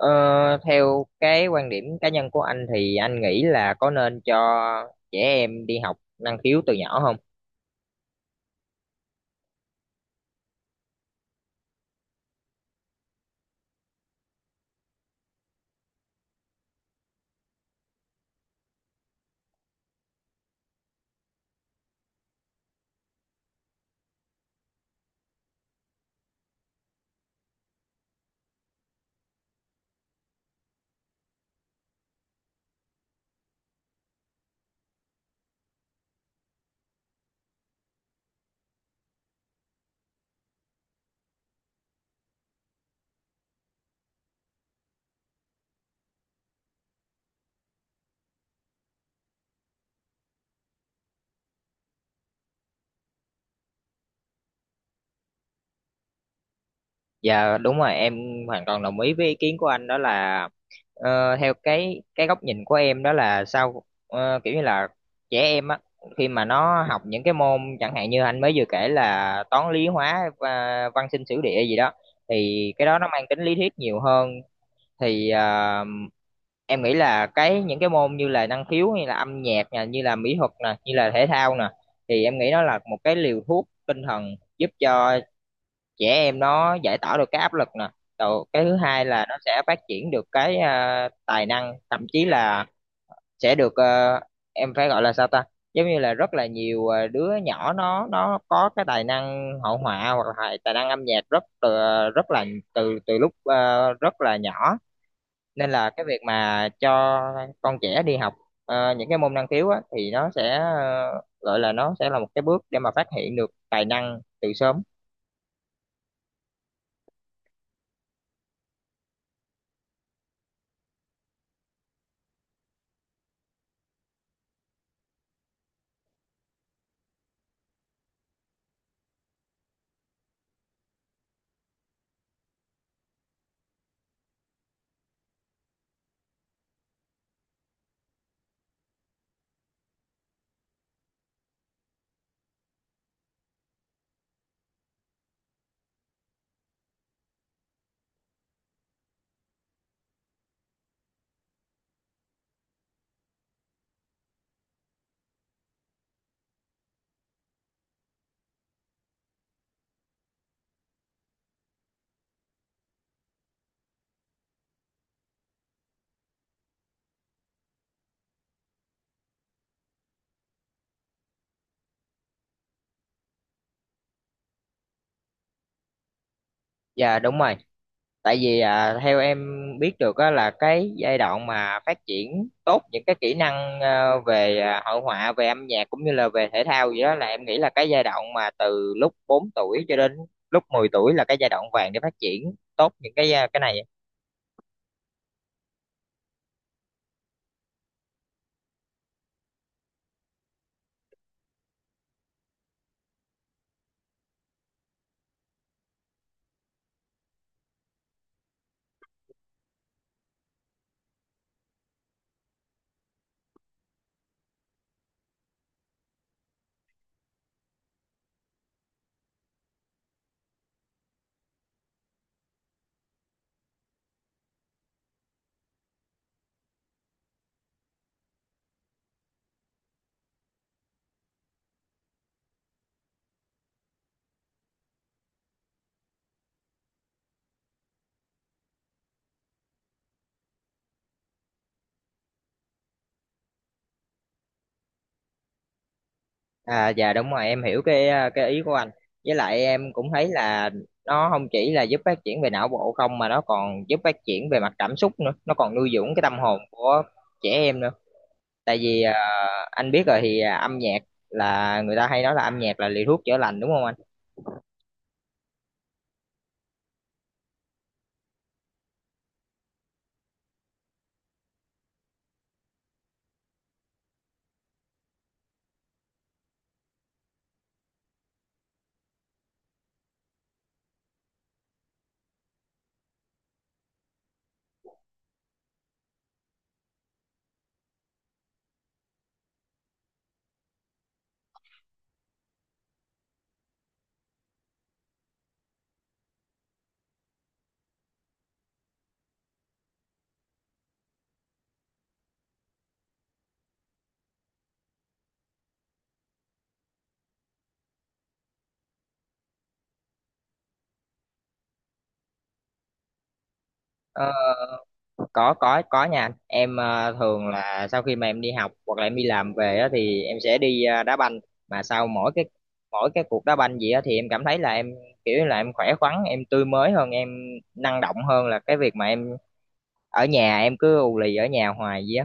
Ờ, Theo cái quan điểm cá nhân của anh thì anh nghĩ là có nên cho trẻ em đi học năng khiếu từ nhỏ không? Dạ đúng rồi em, hoàn toàn đồng ý với ý kiến của anh đó là, theo cái góc nhìn của em đó là sao, kiểu như là trẻ em á, khi mà nó học những cái môn chẳng hạn như anh mới vừa kể là toán lý hóa và văn sinh sử địa gì đó thì cái đó nó mang tính lý thuyết nhiều hơn. Thì em nghĩ là cái những cái môn như là năng khiếu hay là âm nhạc nè, như là mỹ thuật nè, như là thể thao nè thì em nghĩ nó là một cái liều thuốc tinh thần giúp cho trẻ em nó giải tỏa được cái áp lực nè. Rồi cái thứ hai là nó sẽ phát triển được cái, tài năng, thậm chí là sẽ được, em phải gọi là sao ta. Giống như là rất là nhiều đứa nhỏ nó có cái tài năng hội họa hoặc là tài năng âm nhạc, rất từ, rất là từ từ lúc rất là nhỏ. Nên là cái việc mà cho con trẻ đi học, những cái môn năng khiếu á, thì nó sẽ, gọi là nó sẽ là một cái bước để mà phát hiện được tài năng từ sớm. Dạ đúng rồi. Tại vì theo em biết được á, là cái giai đoạn mà phát triển tốt những cái kỹ năng về, hội họa, về âm nhạc cũng như là về thể thao gì đó, là em nghĩ là cái giai đoạn mà từ lúc 4 tuổi cho đến lúc 10 tuổi là cái giai đoạn vàng để phát triển tốt những cái, cái này. Dạ đúng rồi. Em hiểu cái, cái ý của anh. Với lại em cũng thấy là nó không chỉ là giúp phát triển về não bộ không mà nó còn giúp phát triển về mặt cảm xúc nữa, nó còn nuôi dưỡng cái tâm hồn của trẻ em nữa. Tại vì anh biết rồi thì, âm nhạc, là người ta hay nói là âm nhạc là liều thuốc chữa lành đúng không anh? Ờ, có có nha anh. Em thường là sau khi mà em đi học hoặc là em đi làm về á, thì em sẽ đi đá banh. Mà sau mỗi cái cuộc đá banh gì á, thì em cảm thấy là em kiểu như là em khỏe khoắn, em tươi mới hơn, em năng động hơn là cái việc mà em ở nhà em cứ ù lì ở nhà hoài gì á.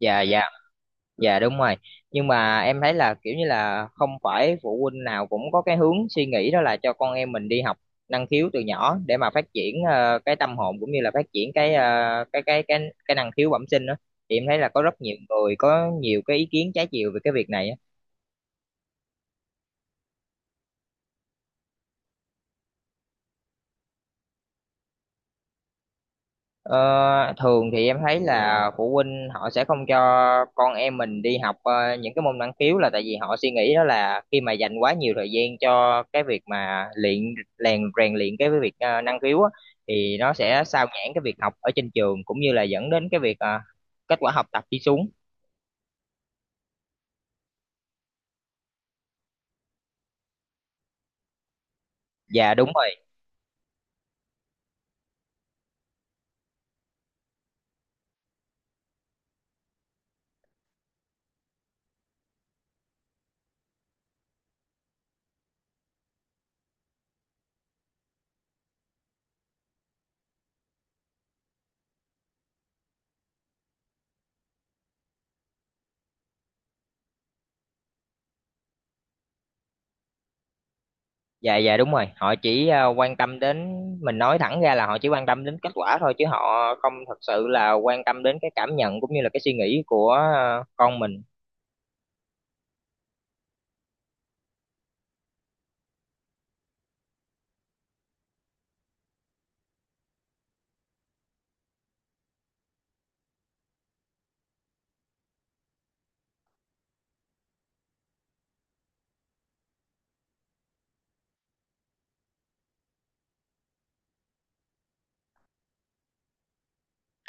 Dạ dạ. Dạ đúng rồi. Nhưng mà em thấy là kiểu như là không phải phụ huynh nào cũng có cái hướng suy nghĩ đó là cho con em mình đi học năng khiếu từ nhỏ để mà phát triển cái tâm hồn cũng như là phát triển cái, cái năng khiếu bẩm sinh đó. Thì em thấy là có rất nhiều người có nhiều cái ý kiến trái chiều về cái việc này á. Ờ, Thường thì em thấy là phụ huynh họ sẽ không cho con em mình đi học, những cái môn năng khiếu là tại vì họ suy nghĩ đó là khi mà dành quá nhiều thời gian cho cái việc mà luyện rèn rèn luyện cái việc, năng khiếu á, thì nó sẽ sao nhãng cái việc học ở trên trường cũng như là dẫn đến cái việc, kết quả học tập đi xuống. Dạ đúng rồi, dạ dạ đúng rồi. Họ chỉ ờ, quan tâm đến Mình nói thẳng ra là họ chỉ quan tâm đến kết quả thôi, chứ họ không thật sự là quan tâm đến cái cảm nhận cũng như là cái suy nghĩ của, con mình.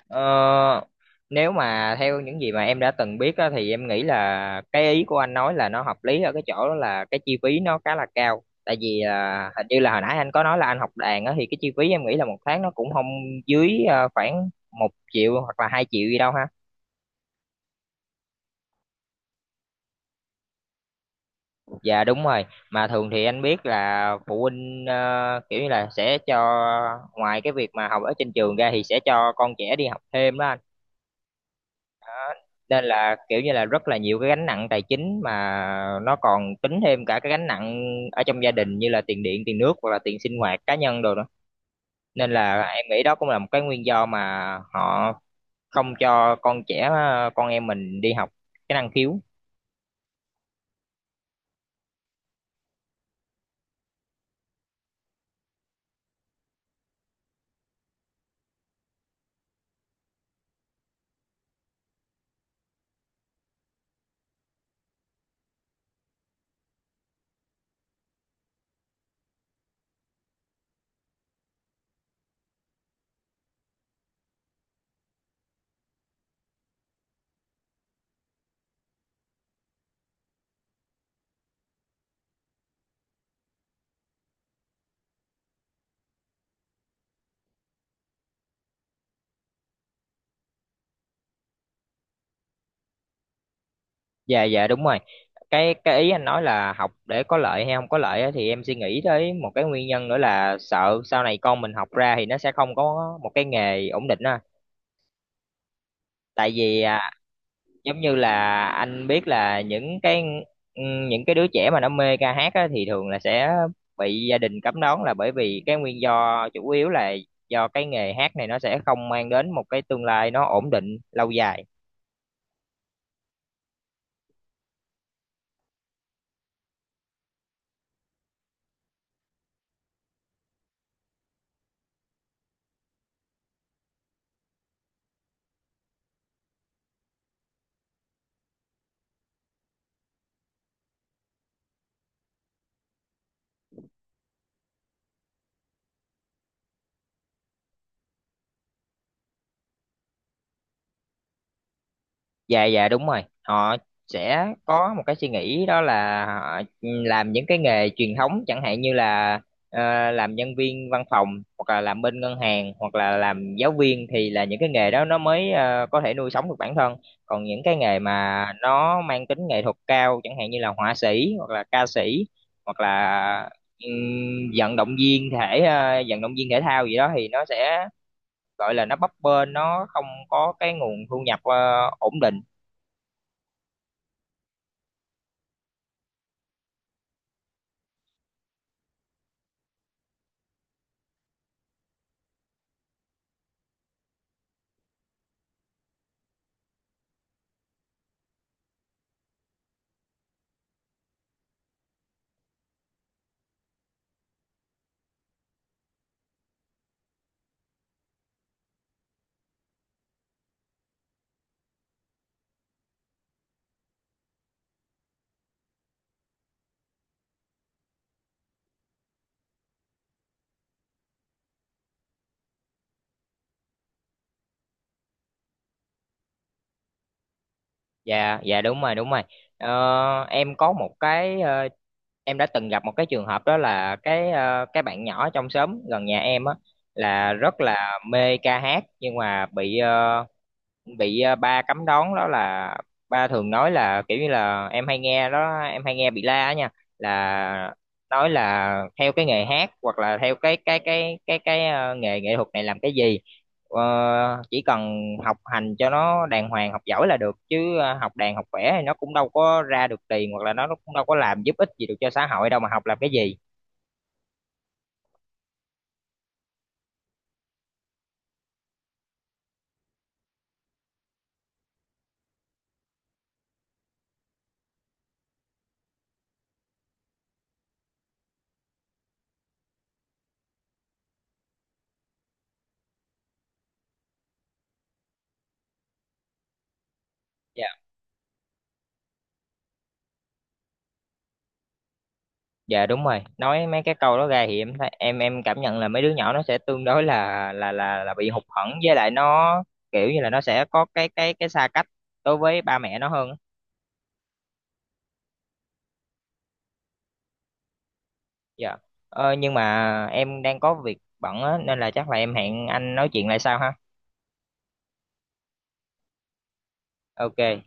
Ờ, Nếu mà theo những gì mà em đã từng biết á, thì em nghĩ là cái ý của anh nói là nó hợp lý ở cái chỗ đó là cái chi phí nó khá là cao. Tại vì hình như là hồi nãy anh có nói là anh học đàn á, thì cái chi phí em nghĩ là một tháng nó cũng không dưới, khoảng 1 triệu hoặc là 2 triệu gì đâu ha. Dạ đúng rồi. Mà thường thì anh biết là phụ huynh, kiểu như là sẽ cho, ngoài cái việc mà học ở trên trường ra thì sẽ cho con trẻ đi học thêm đó anh. Nên là kiểu như là rất là nhiều cái gánh nặng tài chính mà nó còn tính thêm cả cái gánh nặng ở trong gia đình như là tiền điện tiền nước hoặc là tiền sinh hoạt cá nhân đồ nữa. Nên là em nghĩ đó cũng là một cái nguyên do mà họ không cho con em mình đi học cái năng khiếu. Dạ dạ đúng rồi. Cái ý anh nói là học để có lợi hay không có lợi á, thì em suy nghĩ tới một cái nguyên nhân nữa là sợ sau này con mình học ra thì nó sẽ không có một cái nghề ổn định á. Tại vì giống như là anh biết là những cái đứa trẻ mà nó mê ca hát á, thì thường là sẽ bị gia đình cấm đoán là bởi vì cái nguyên do chủ yếu là do cái nghề hát này nó sẽ không mang đến một cái tương lai nó ổn định lâu dài. Dạ dạ đúng rồi. Họ sẽ có một cái suy nghĩ đó là họ, làm những cái nghề truyền thống chẳng hạn như là, làm nhân viên văn phòng hoặc là làm bên ngân hàng hoặc là làm giáo viên, thì là những cái nghề đó nó mới, có thể nuôi sống được bản thân. Còn những cái nghề mà nó mang tính nghệ thuật cao chẳng hạn như là họa sĩ hoặc là ca sĩ hoặc là vận động viên thể thao gì đó thì nó sẽ gọi là nó bấp bênh, nó không có cái nguồn thu nhập, ổn định. Dạ, dạ đúng rồi, đúng rồi. Ờ, em có một cái ờ, Em đã từng gặp một cái trường hợp đó là cái, cái bạn nhỏ trong xóm gần nhà em á, là rất là mê ca hát nhưng mà bị ba cấm đón đó là ba thường nói là kiểu như là em hay nghe đó, em hay nghe bị la á nha, là nói là theo cái nghề hát hoặc là theo cái nghề nghệ thuật này làm cái gì. Ờ, chỉ cần học hành cho nó đàng hoàng, học giỏi là được chứ, học đàn học vẽ thì nó cũng đâu có ra được tiền hoặc là nó cũng đâu có làm giúp ích gì được cho xã hội đâu mà học làm cái gì. Dạ đúng rồi. Nói mấy cái câu đó ra thì em cảm nhận là mấy đứa nhỏ nó sẽ tương đối là bị hụt hẫng, với lại nó kiểu như là nó sẽ có cái xa cách đối với ba mẹ nó hơn. Dạ. Nhưng mà em đang có việc bận á nên là chắc là em hẹn anh nói chuyện lại sau ha. Ok.